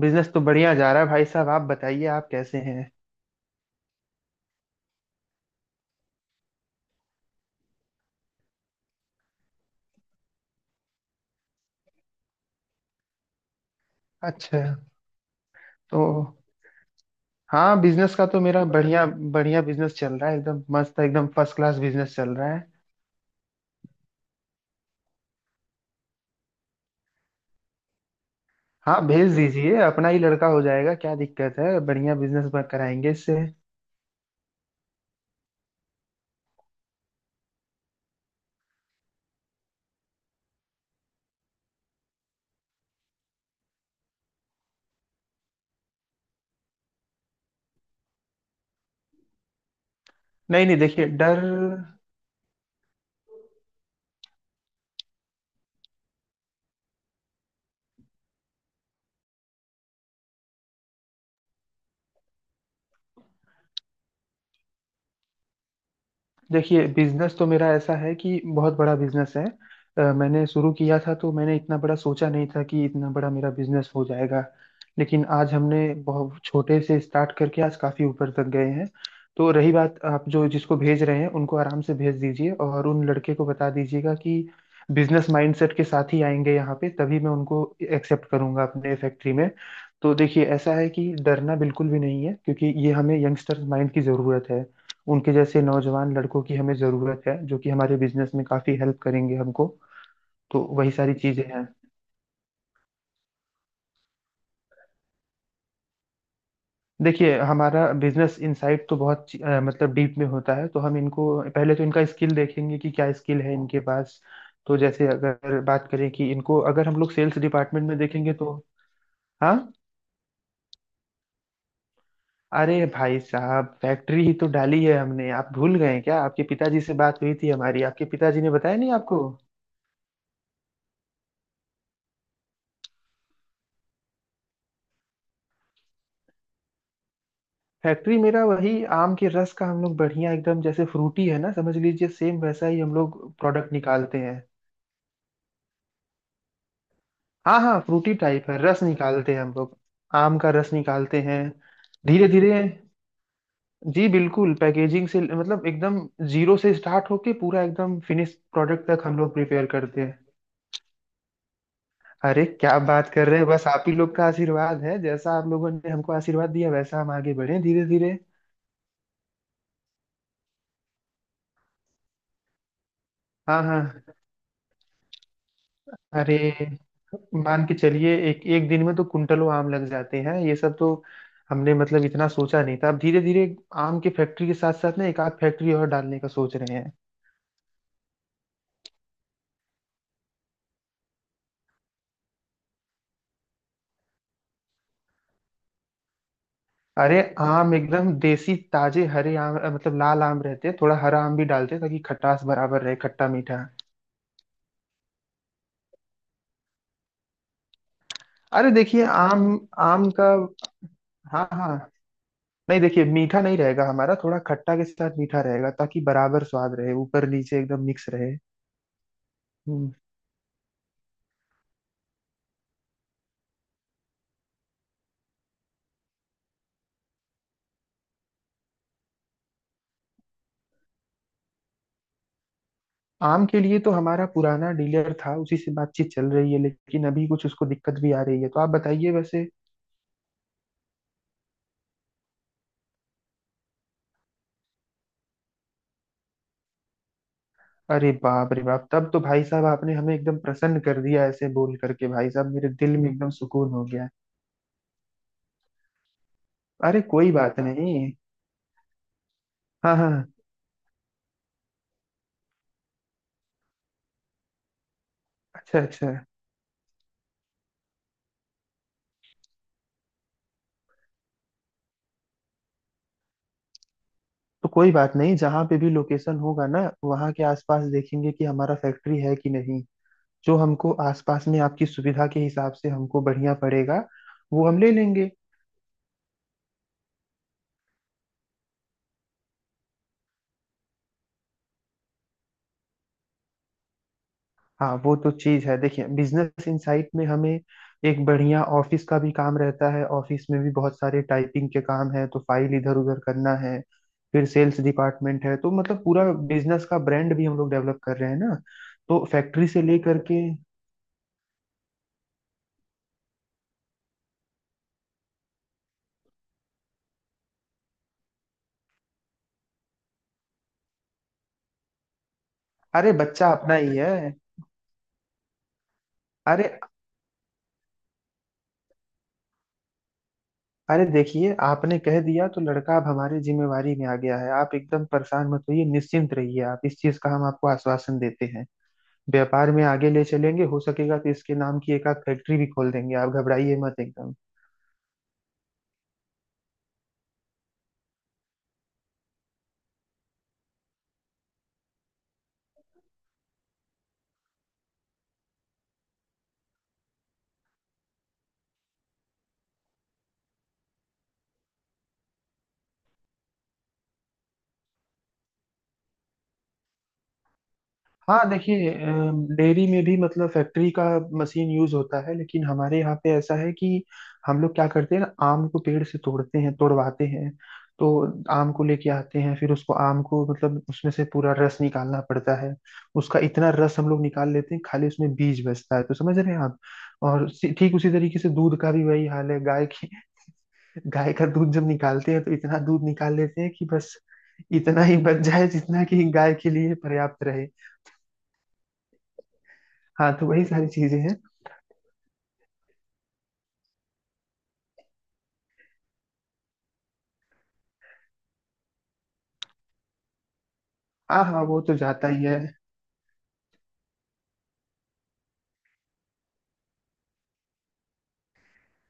Business तो बढ़िया जा रहा है भाई साहब, आप बताइए, आप कैसे हैं। अच्छा। तो हाँ, बिजनेस का तो मेरा बढ़िया बढ़िया बिजनेस चल रहा है, एकदम मस्त, एकदम फर्स्ट क्लास बिजनेस चल रहा है। हाँ, भेज दीजिए, अपना ही लड़का हो जाएगा, क्या दिक्कत है, बढ़िया बिजनेस कराएंगे इससे। नहीं नहीं, देखिए डर, देखिए बिजनेस तो मेरा ऐसा है कि बहुत बड़ा बिजनेस है। मैंने शुरू किया था तो मैंने इतना बड़ा सोचा नहीं था कि इतना बड़ा मेरा बिजनेस हो जाएगा। लेकिन आज हमने बहुत छोटे से स्टार्ट करके आज काफी ऊपर तक गए हैं। तो रही बात आप जो जिसको भेज रहे हैं उनको आराम से भेज दीजिए, और उन लड़के को बता दीजिएगा कि बिजनेस माइंडसेट के साथ ही आएंगे यहाँ पे, तभी मैं उनको एक्सेप्ट करूंगा अपने फैक्ट्री में। तो देखिए, ऐसा है कि डरना बिल्कुल भी नहीं है, क्योंकि ये हमें यंगस्टर्स माइंड की जरूरत है। उनके जैसे नौजवान लड़कों की हमें ज़रूरत है, जो कि हमारे बिजनेस में काफ़ी हेल्प करेंगे हमको। तो वही सारी चीज़ें हैं। देखिए, हमारा बिजनेस इनसाइट तो बहुत मतलब डीप में होता है, तो हम इनको पहले तो इनका स्किल देखेंगे कि क्या स्किल है इनके पास। तो जैसे अगर बात करें कि इनको अगर हम लोग सेल्स डिपार्टमेंट में देखेंगे तो। हाँ। अरे भाई साहब, फैक्ट्री ही तो डाली है हमने, आप भूल गए क्या? आपके पिताजी से बात हुई थी हमारी, आपके पिताजी ने बताया नहीं आपको? फैक्ट्री मेरा वही आम के रस का, हम लोग बढ़िया एकदम, जैसे फ्रूटी है ना, समझ लीजिए सेम वैसा ही हम लोग प्रोडक्ट निकालते हैं। हाँ हाँ, फ्रूटी टाइप है, रस निकालते हैं हम लोग। आम का रस निकालते हैं। धीरे धीरे। जी बिल्कुल, पैकेजिंग से मतलब एकदम जीरो से स्टार्ट होके पूरा एकदम फिनिश प्रोडक्ट तक हम लोग प्रिपेयर करते हैं। अरे क्या बात कर रहे हैं, बस आप ही लोग का आशीर्वाद है, जैसा आप लोगों ने हमको आशीर्वाद दिया वैसा हम आगे बढ़े धीरे धीरे। हाँ हाँ। अरे, मान के चलिए एक एक दिन में तो कुंटलों आम लग जाते हैं ये सब तो। हमने मतलब इतना सोचा नहीं था, अब धीरे धीरे आम की फैक्ट्री के साथ साथ ना एक आध फैक्ट्री और डालने का सोच रहे हैं। अरे आम एकदम देसी ताजे हरे आम, मतलब लाल आम रहते हैं, थोड़ा हरा आम भी डालते हैं ताकि खटास बराबर रहे, खट्टा मीठा। अरे देखिए आम, आम का, हाँ हाँ, नहीं देखिए, मीठा नहीं रहेगा हमारा, थोड़ा खट्टा के साथ मीठा रहेगा ताकि बराबर स्वाद रहे, ऊपर नीचे एकदम मिक्स रहे। हम्म। आम के लिए तो हमारा पुराना डीलर था, उसी से बातचीत चल रही है, लेकिन अभी कुछ उसको दिक्कत भी आ रही है, तो आप बताइए वैसे। अरे बाप रे बाप, तब तो भाई साहब आपने हमें एकदम प्रसन्न कर दिया, ऐसे बोल करके भाई साहब मेरे दिल में एकदम सुकून हो गया। अरे कोई बात नहीं। हाँ हाँ। अच्छा अच्छा। तो कोई बात नहीं, जहाँ पे भी लोकेशन होगा ना वहाँ के आसपास देखेंगे कि हमारा फैक्ट्री है कि नहीं। जो हमको आसपास में आपकी सुविधा के हिसाब से हमको बढ़िया पड़ेगा, वो हम ले लेंगे। हाँ वो तो चीज है, देखिए बिजनेस इनसाइट में हमें एक बढ़िया ऑफिस का भी काम रहता है, ऑफिस में भी बहुत सारे टाइपिंग के काम है, तो फाइल इधर उधर करना है। फिर सेल्स डिपार्टमेंट है, तो मतलब पूरा बिजनेस का ब्रांड भी हम लोग डेवलप कर रहे हैं ना। तो फैक्ट्री से लेकर के, अरे बच्चा अपना ही है। अरे, अरे देखिए, आपने कह दिया तो लड़का अब हमारी जिम्मेवारी में आ गया है, आप एकदम परेशान मत होइए, निश्चिंत रहिए, आप इस चीज का हम आपको आश्वासन देते हैं। व्यापार में आगे ले चलेंगे, हो सकेगा तो इसके नाम की एक आध फैक्ट्री भी खोल देंगे, आप घबराइए मत एकदम। हाँ देखिए डेयरी में भी मतलब फैक्ट्री का मशीन यूज होता है, लेकिन हमारे यहाँ पे ऐसा है कि हम लोग क्या करते हैं ना, आम को पेड़ से तोड़ते हैं, तोड़वाते हैं। तो आम को लेके आते हैं, फिर उसको आम को मतलब उसमें से पूरा रस निकालना पड़ता है। उसका इतना रस हम लोग निकाल लेते हैं, खाली उसमें बीज बचता है, तो समझ रहे हैं आप। और ठीक उसी तरीके से दूध का भी वही हाल है, गाय की, गाय का दूध जब निकालते हैं तो इतना दूध निकाल लेते हैं कि बस इतना ही बच जाए जितना कि गाय के लिए पर्याप्त रहे। हाँ तो वही सारी चीजें हैं। हाँ हाँ वो तो जाता ही है।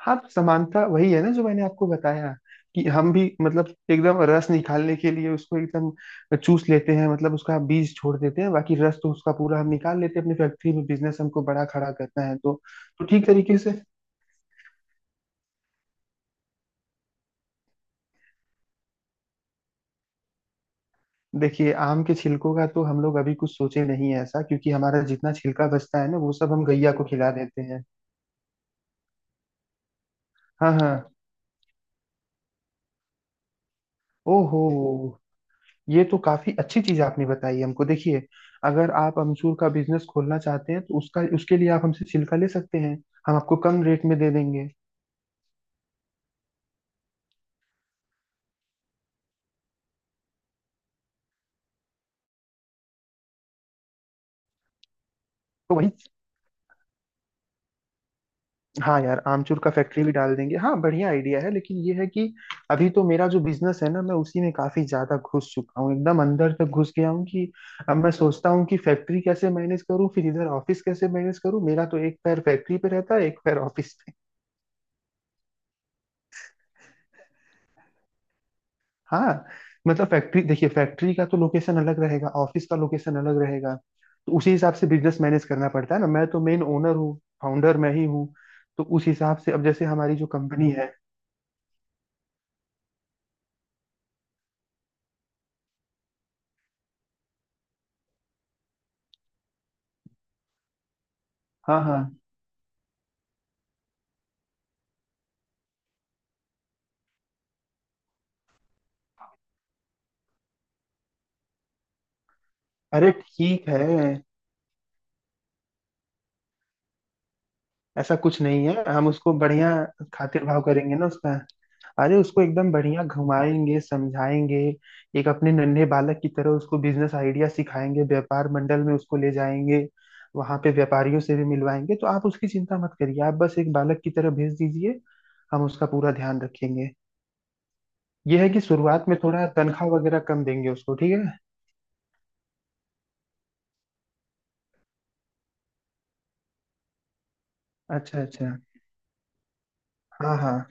हाँ तो समानता वही है ना जो मैंने आपको बताया, कि हम भी मतलब एकदम रस निकालने के लिए उसको एकदम चूस लेते हैं, मतलब उसका बीज छोड़ देते हैं, बाकी रस तो उसका पूरा हम निकाल लेते हैं अपनी फैक्ट्री में, बिजनेस हमको बड़ा खड़ा करना है तो। तो ठीक तरीके से, देखिए आम के छिलकों का तो हम लोग अभी कुछ सोचे नहीं है ऐसा, क्योंकि हमारा जितना छिलका बचता है ना, वो सब हम गैया को खिला देते हैं। हाँ हाँ। ओहो, ये तो काफी अच्छी चीज आपने बताई हमको। देखिए, अगर आप अमचूर का बिजनेस खोलना चाहते हैं तो उसका, उसके लिए आप हमसे छिलका ले सकते हैं, हम आपको कम रेट में दे देंगे। तो वही, हाँ यार, आमचूर का फैक्ट्री भी डाल देंगे, हाँ बढ़िया आइडिया है, लेकिन ये है कि अभी तो मेरा जो बिजनेस है ना, मैं उसी में काफी ज्यादा घुस चुका हूँ, एकदम अंदर तक घुस गया हूँ कि अब मैं सोचता हूँ कि फैक्ट्री कैसे मैनेज करूँ, फिर इधर ऑफिस कैसे मैनेज करूँ, मेरा तो एक पैर फैक्ट्री पे रहता है, एक पैर ऑफिस पे। हाँ। मतलब फैक्ट्री, देखिए फैक्ट्री का तो लोकेशन अलग रहेगा, ऑफिस का लोकेशन अलग रहेगा, तो उसी हिसाब से बिजनेस मैनेज करना पड़ता है ना, मैं तो मेन ओनर हूँ, फाउंडर मैं ही हूँ, तो उस हिसाब से अब जैसे हमारी जो कंपनी है। हाँ हाँ। अरे ठीक है, ऐसा कुछ नहीं है, हम उसको बढ़िया खातिर भाव करेंगे ना उसका। अरे उसको एकदम बढ़िया घुमाएंगे, समझाएंगे, एक अपने नन्हे बालक की तरह उसको बिजनेस आइडिया सिखाएंगे, व्यापार मंडल में उसको ले जाएंगे, वहां पे व्यापारियों से भी मिलवाएंगे। तो आप उसकी चिंता मत करिए, आप बस एक बालक की तरह भेज दीजिए, हम उसका पूरा ध्यान रखेंगे। यह है कि शुरुआत में थोड़ा तनख्वाह वगैरह कम देंगे उसको, ठीक है? अच्छा अच्छा। हाँ हाँ।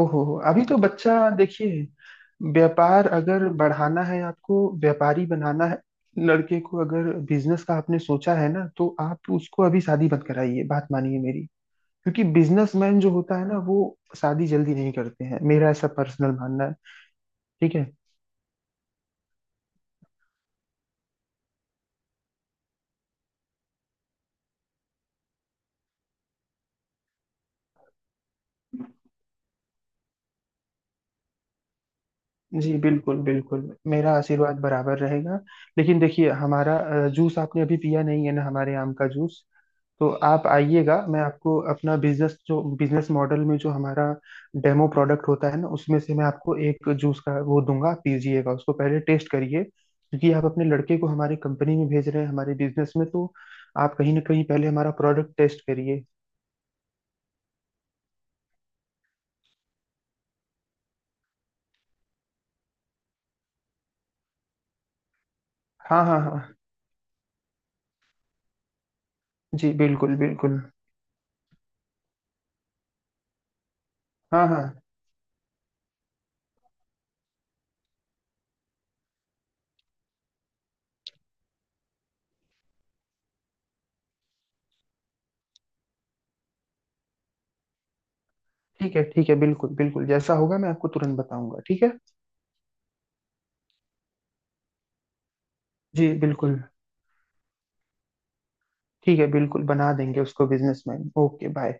ओहो, अभी तो बच्चा देखिए, व्यापार अगर बढ़ाना है, आपको व्यापारी बनाना है लड़के को, अगर बिजनेस का आपने सोचा है ना, तो आप उसको अभी शादी मत कराइए, बात मानिए मेरी, क्योंकि बिजनेसमैन जो होता है ना वो शादी जल्दी नहीं करते हैं, मेरा ऐसा पर्सनल मानना है। ठीक है। जी बिल्कुल बिल्कुल, मेरा आशीर्वाद बराबर रहेगा। लेकिन देखिए हमारा जूस आपने अभी पिया नहीं है ना, हमारे आम का जूस। तो आप आइएगा, मैं आपको अपना बिजनेस, जो बिजनेस मॉडल में जो हमारा डेमो प्रोडक्ट होता है ना, उसमें से मैं आपको एक जूस का वो दूंगा, आप पीजिएगा उसको, पहले टेस्ट करिए, क्योंकि आप अपने लड़के को हमारी कंपनी में भेज रहे हैं हमारे बिजनेस में, तो आप कहीं ना कहीं पहले हमारा प्रोडक्ट टेस्ट करिए। हाँ हाँ हाँ। जी बिल्कुल बिल्कुल। हाँ हाँ। ठीक है ठीक है, बिल्कुल बिल्कुल, जैसा होगा मैं आपको तुरंत बताऊंगा, ठीक है। जी बिल्कुल। ठीक है, बिल्कुल बना देंगे उसको बिजनेसमैन। Okay bye.